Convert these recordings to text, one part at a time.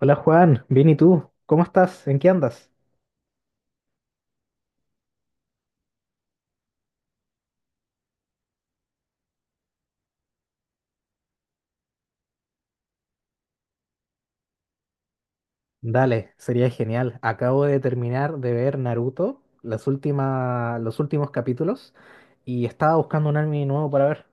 Hola Juan, bien, ¿y tú, cómo estás? ¿En qué andas? Dale, sería genial. Acabo de terminar de ver Naruto, los últimos capítulos, y estaba buscando un anime nuevo para ver.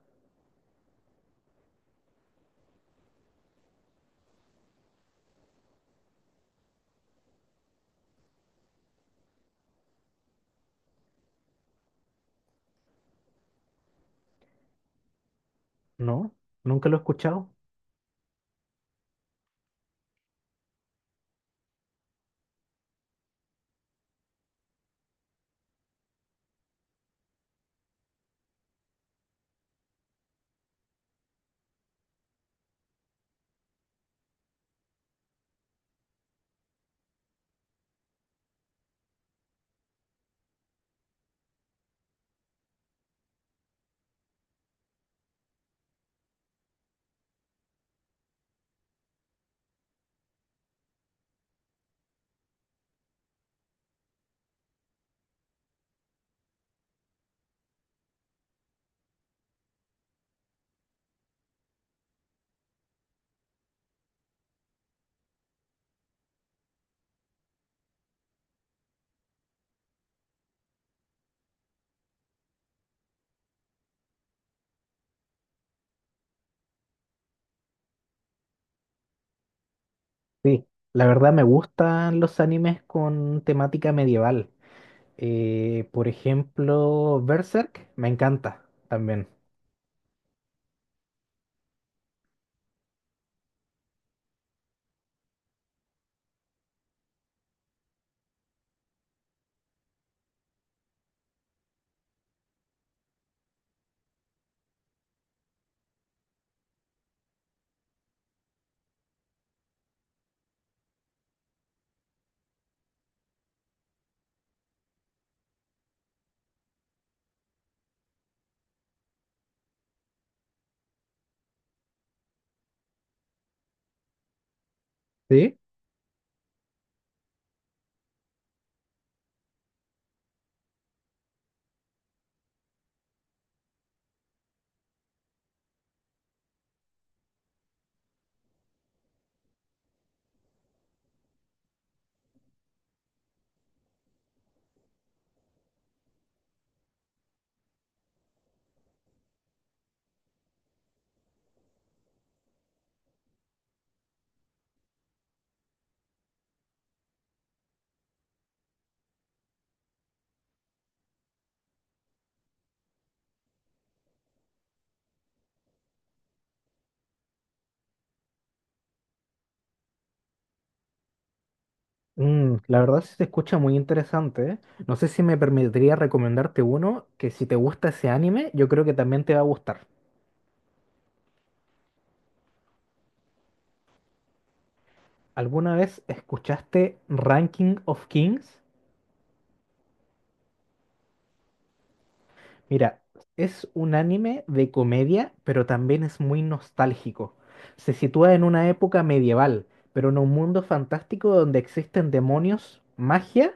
¿No? ¿Nunca lo he escuchado? Sí, la verdad me gustan los animes con temática medieval. Por ejemplo, Berserk me encanta también. ¿Sí? Mm, la verdad sí se escucha muy interesante, ¿eh? No sé si me permitiría recomendarte uno que, si te gusta ese anime, yo creo que también te va a gustar. ¿Alguna vez escuchaste Ranking of Kings? Mira, es un anime de comedia, pero también es muy nostálgico. Se sitúa en una época medieval, pero en un mundo fantástico donde existen demonios, magia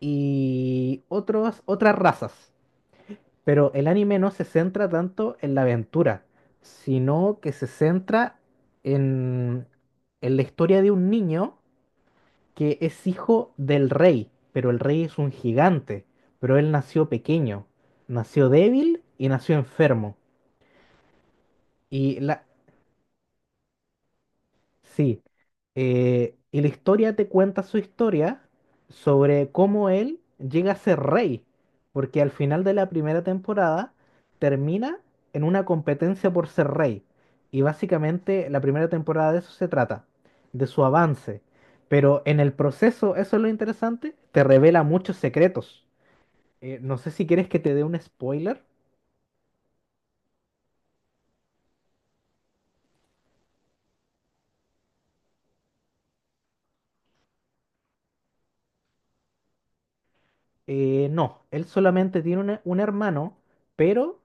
y otras razas. Pero el anime no se centra tanto en la aventura, sino que se centra en, en la historia de un niño que es hijo del rey, pero el rey es un gigante, pero él nació pequeño, nació débil y nació enfermo. Y la- Sí, y la historia te cuenta su historia sobre cómo él llega a ser rey, porque al final de la primera temporada termina en una competencia por ser rey. Y básicamente la primera temporada de eso se trata, de su avance. Pero en el proceso, eso es lo interesante, te revela muchos secretos. No sé si quieres que te dé un spoiler. No, él solamente tiene un hermano, pero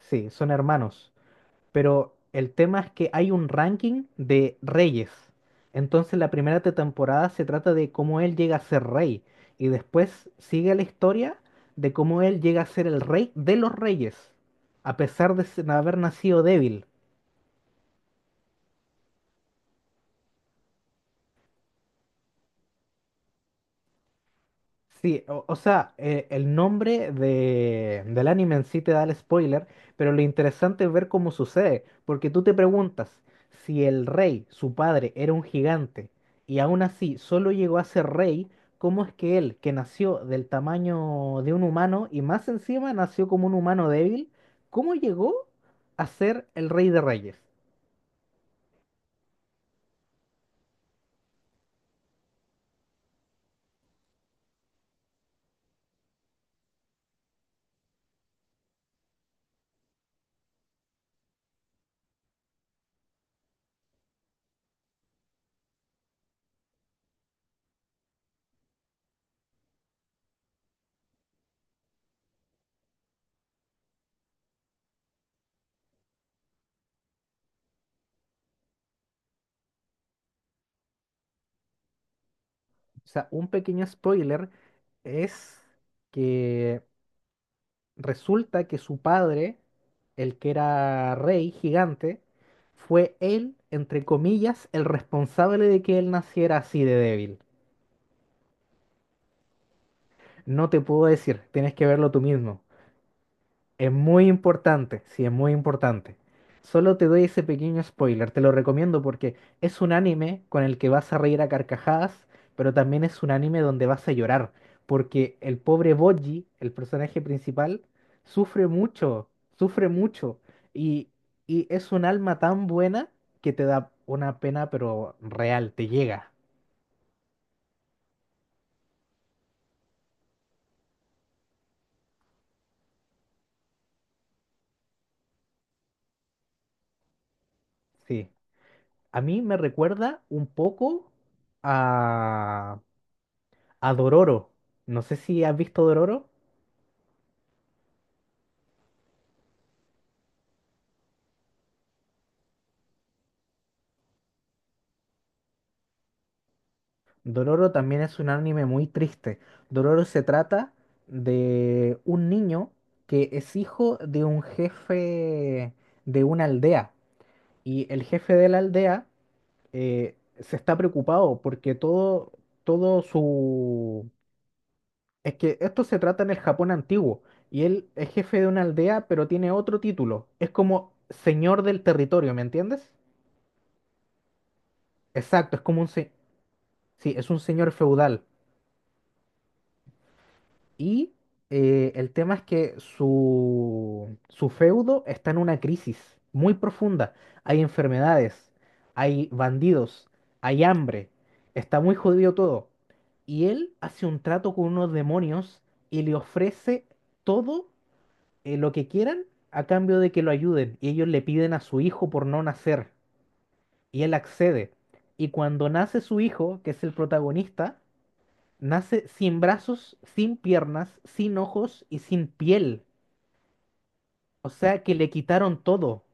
sí, son hermanos. Pero el tema es que hay un ranking de reyes. Entonces la temporada se trata de cómo él llega a ser rey. Y después sigue la historia de cómo él llega a ser el rey de los reyes, a pesar de haber nacido débil. Sí, o sea, el nombre del anime en sí te da el spoiler, pero lo interesante es ver cómo sucede, porque tú te preguntas si el rey, su padre, era un gigante y aún así solo llegó a ser rey, ¿cómo es que él, que nació del tamaño de un humano y más encima nació como un humano débil, cómo llegó a ser el rey de reyes? O sea, un pequeño spoiler es que resulta que su padre, el que era rey gigante, fue él, entre comillas, el responsable de que él naciera así de débil. No te puedo decir, tienes que verlo tú mismo. Es muy importante, sí, es muy importante. Solo te doy ese pequeño spoiler, te lo recomiendo porque es un anime con el que vas a reír a carcajadas, pero también es un anime donde vas a llorar, porque el pobre Boji, el personaje principal, sufre mucho, sufre mucho, y, y es un alma tan buena que te da una pena, pero real, te llega. Sí. A mí me recuerda un poco a... a Dororo. No sé si has visto Dororo. Dororo también es un anime muy triste. Dororo se trata de un niño que es hijo de un jefe de una aldea. Y el jefe de la aldea se está preocupado porque todo su... Es que esto se trata en el Japón antiguo. Y él es jefe de una aldea, pero tiene otro título. Es como señor del territorio, ¿me entiendes? Exacto, es como sí, es un señor feudal. Y el tema es que su feudo está en una crisis muy profunda. Hay enfermedades, hay bandidos, hay hambre. Está muy jodido todo. Y él hace un trato con unos demonios y le ofrece todo lo que quieran a cambio de que lo ayuden. Y ellos le piden a su hijo por no nacer. Y él accede. Y cuando nace su hijo, que es el protagonista, nace sin brazos, sin piernas, sin ojos y sin piel. O sea que le quitaron todo.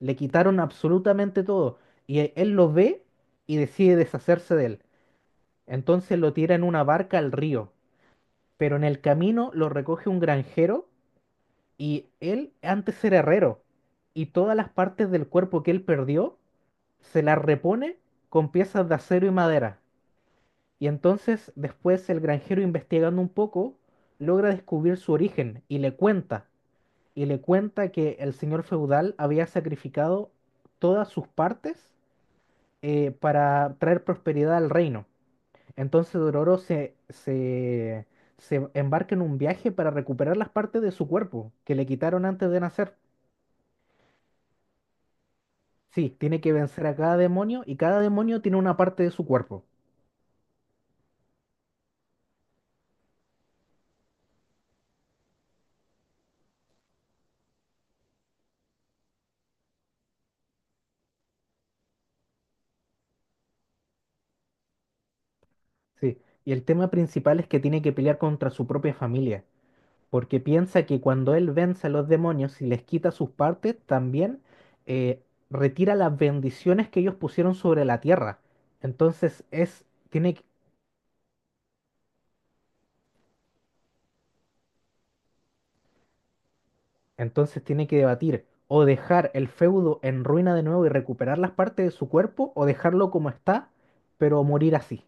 Le quitaron absolutamente todo. Y él lo ve y decide deshacerse de él. Entonces lo tira en una barca al río. Pero en el camino lo recoge un granjero, y él antes era herrero. Y todas las partes del cuerpo que él perdió se las repone con piezas de acero y madera. Y entonces, después, el granjero, investigando un poco, logra descubrir su origen y le cuenta, que el señor feudal había sacrificado todas sus partes para traer prosperidad al reino. Entonces Dororo se embarca en un viaje para recuperar las partes de su cuerpo que le quitaron antes de nacer. Sí, tiene que vencer a cada demonio y cada demonio tiene una parte de su cuerpo. Sí, y el tema principal es que tiene que pelear contra su propia familia porque piensa que cuando él vence a los demonios y les quita sus partes, también eh, retira las bendiciones que ellos pusieron sobre la tierra. Entonces es, tiene, que- entonces tiene que debatir o dejar el feudo en ruina de nuevo y recuperar las partes de su cuerpo, o dejarlo como está, pero morir así.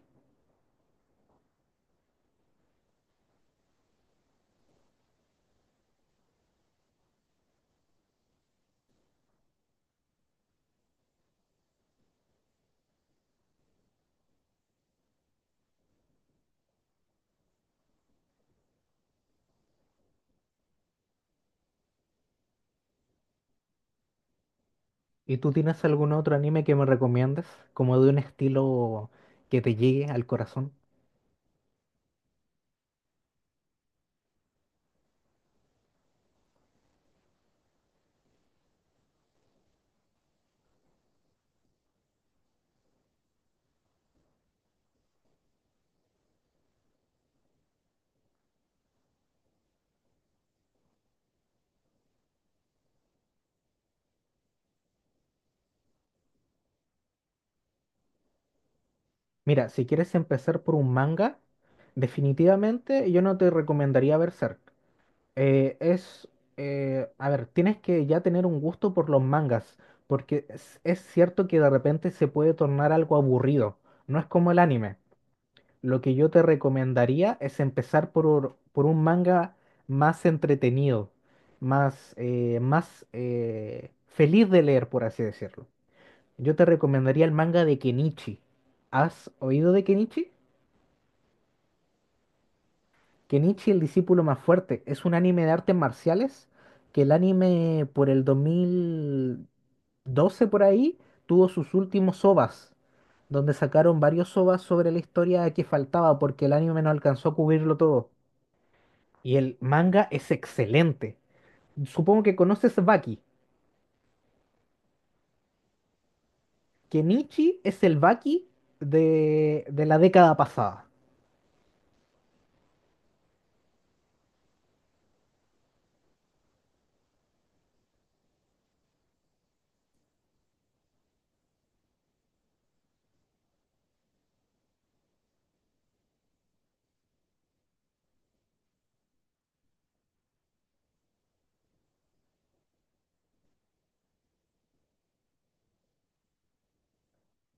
¿Y tú tienes algún otro anime que me recomiendes? Como de un estilo que te llegue al corazón. Mira, si quieres empezar por un manga, definitivamente yo no te recomendaría Berserk. Eh, es, a ver, tienes que ya tener un gusto por los mangas, porque es cierto que de repente se puede tornar algo aburrido. No es como el anime. Lo que yo te recomendaría es empezar por un manga más entretenido, más feliz de leer, por así decirlo. Yo te recomendaría el manga de Kenichi. ¿Has oído de Kenichi? Kenichi el discípulo más fuerte es un anime de artes marciales, que el anime por el 2012 por ahí tuvo sus últimos OVAs, donde sacaron varios OVAs sobre la historia que faltaba porque el anime no alcanzó a cubrirlo todo. Y el manga es excelente. Supongo que conoces Baki. Kenichi es el Baki de la década pasada.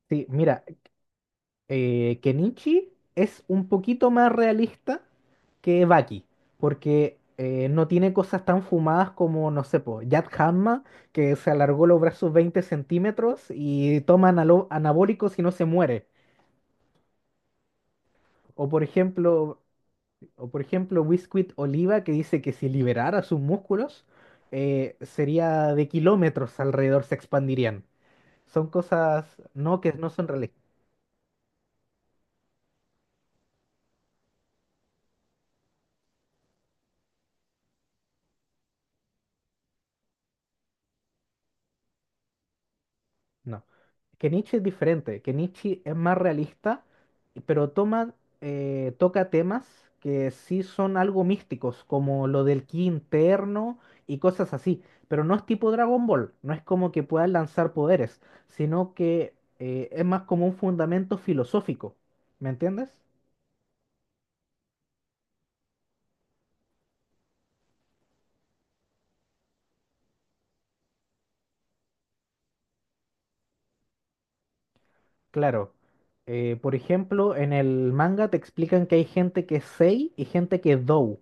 Sí, mira, Kenichi es un poquito más realista que Baki, porque no tiene cosas tan fumadas como, no sé, po, Yad Hamma, que se alargó los brazos 20 centímetros y toma anabólicos y no se muere. O por ejemplo, o por ejemplo, Biscuit Oliva, que dice que si liberara sus músculos, sería de kilómetros alrededor, se expandirían. Son cosas que no son realistas. No. Que Nietzsche es diferente, que Nietzsche es más realista, pero toca temas que sí son algo místicos, como lo del ki interno y cosas así. Pero no es tipo Dragon Ball, no es como que puedas lanzar poderes, sino que es más como un fundamento filosófico. ¿Me entiendes? Claro. Por ejemplo, en el manga te explican que hay gente que es Sei y gente que es Dou.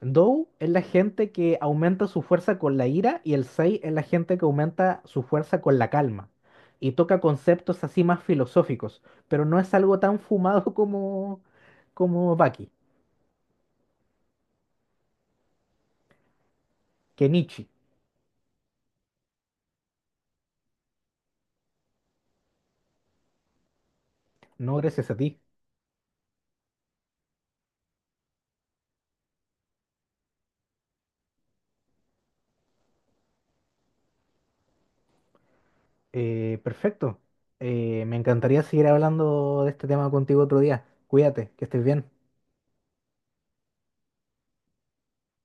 Dou es la gente que aumenta su fuerza con la ira y el Sei es la gente que aumenta su fuerza con la calma. Y toca conceptos así más filosóficos, pero no es algo tan fumado como como Baki, que Nietzsche. No, gracias a ti. Perfecto. Me encantaría seguir hablando de este tema contigo otro día. Cuídate, que estés bien.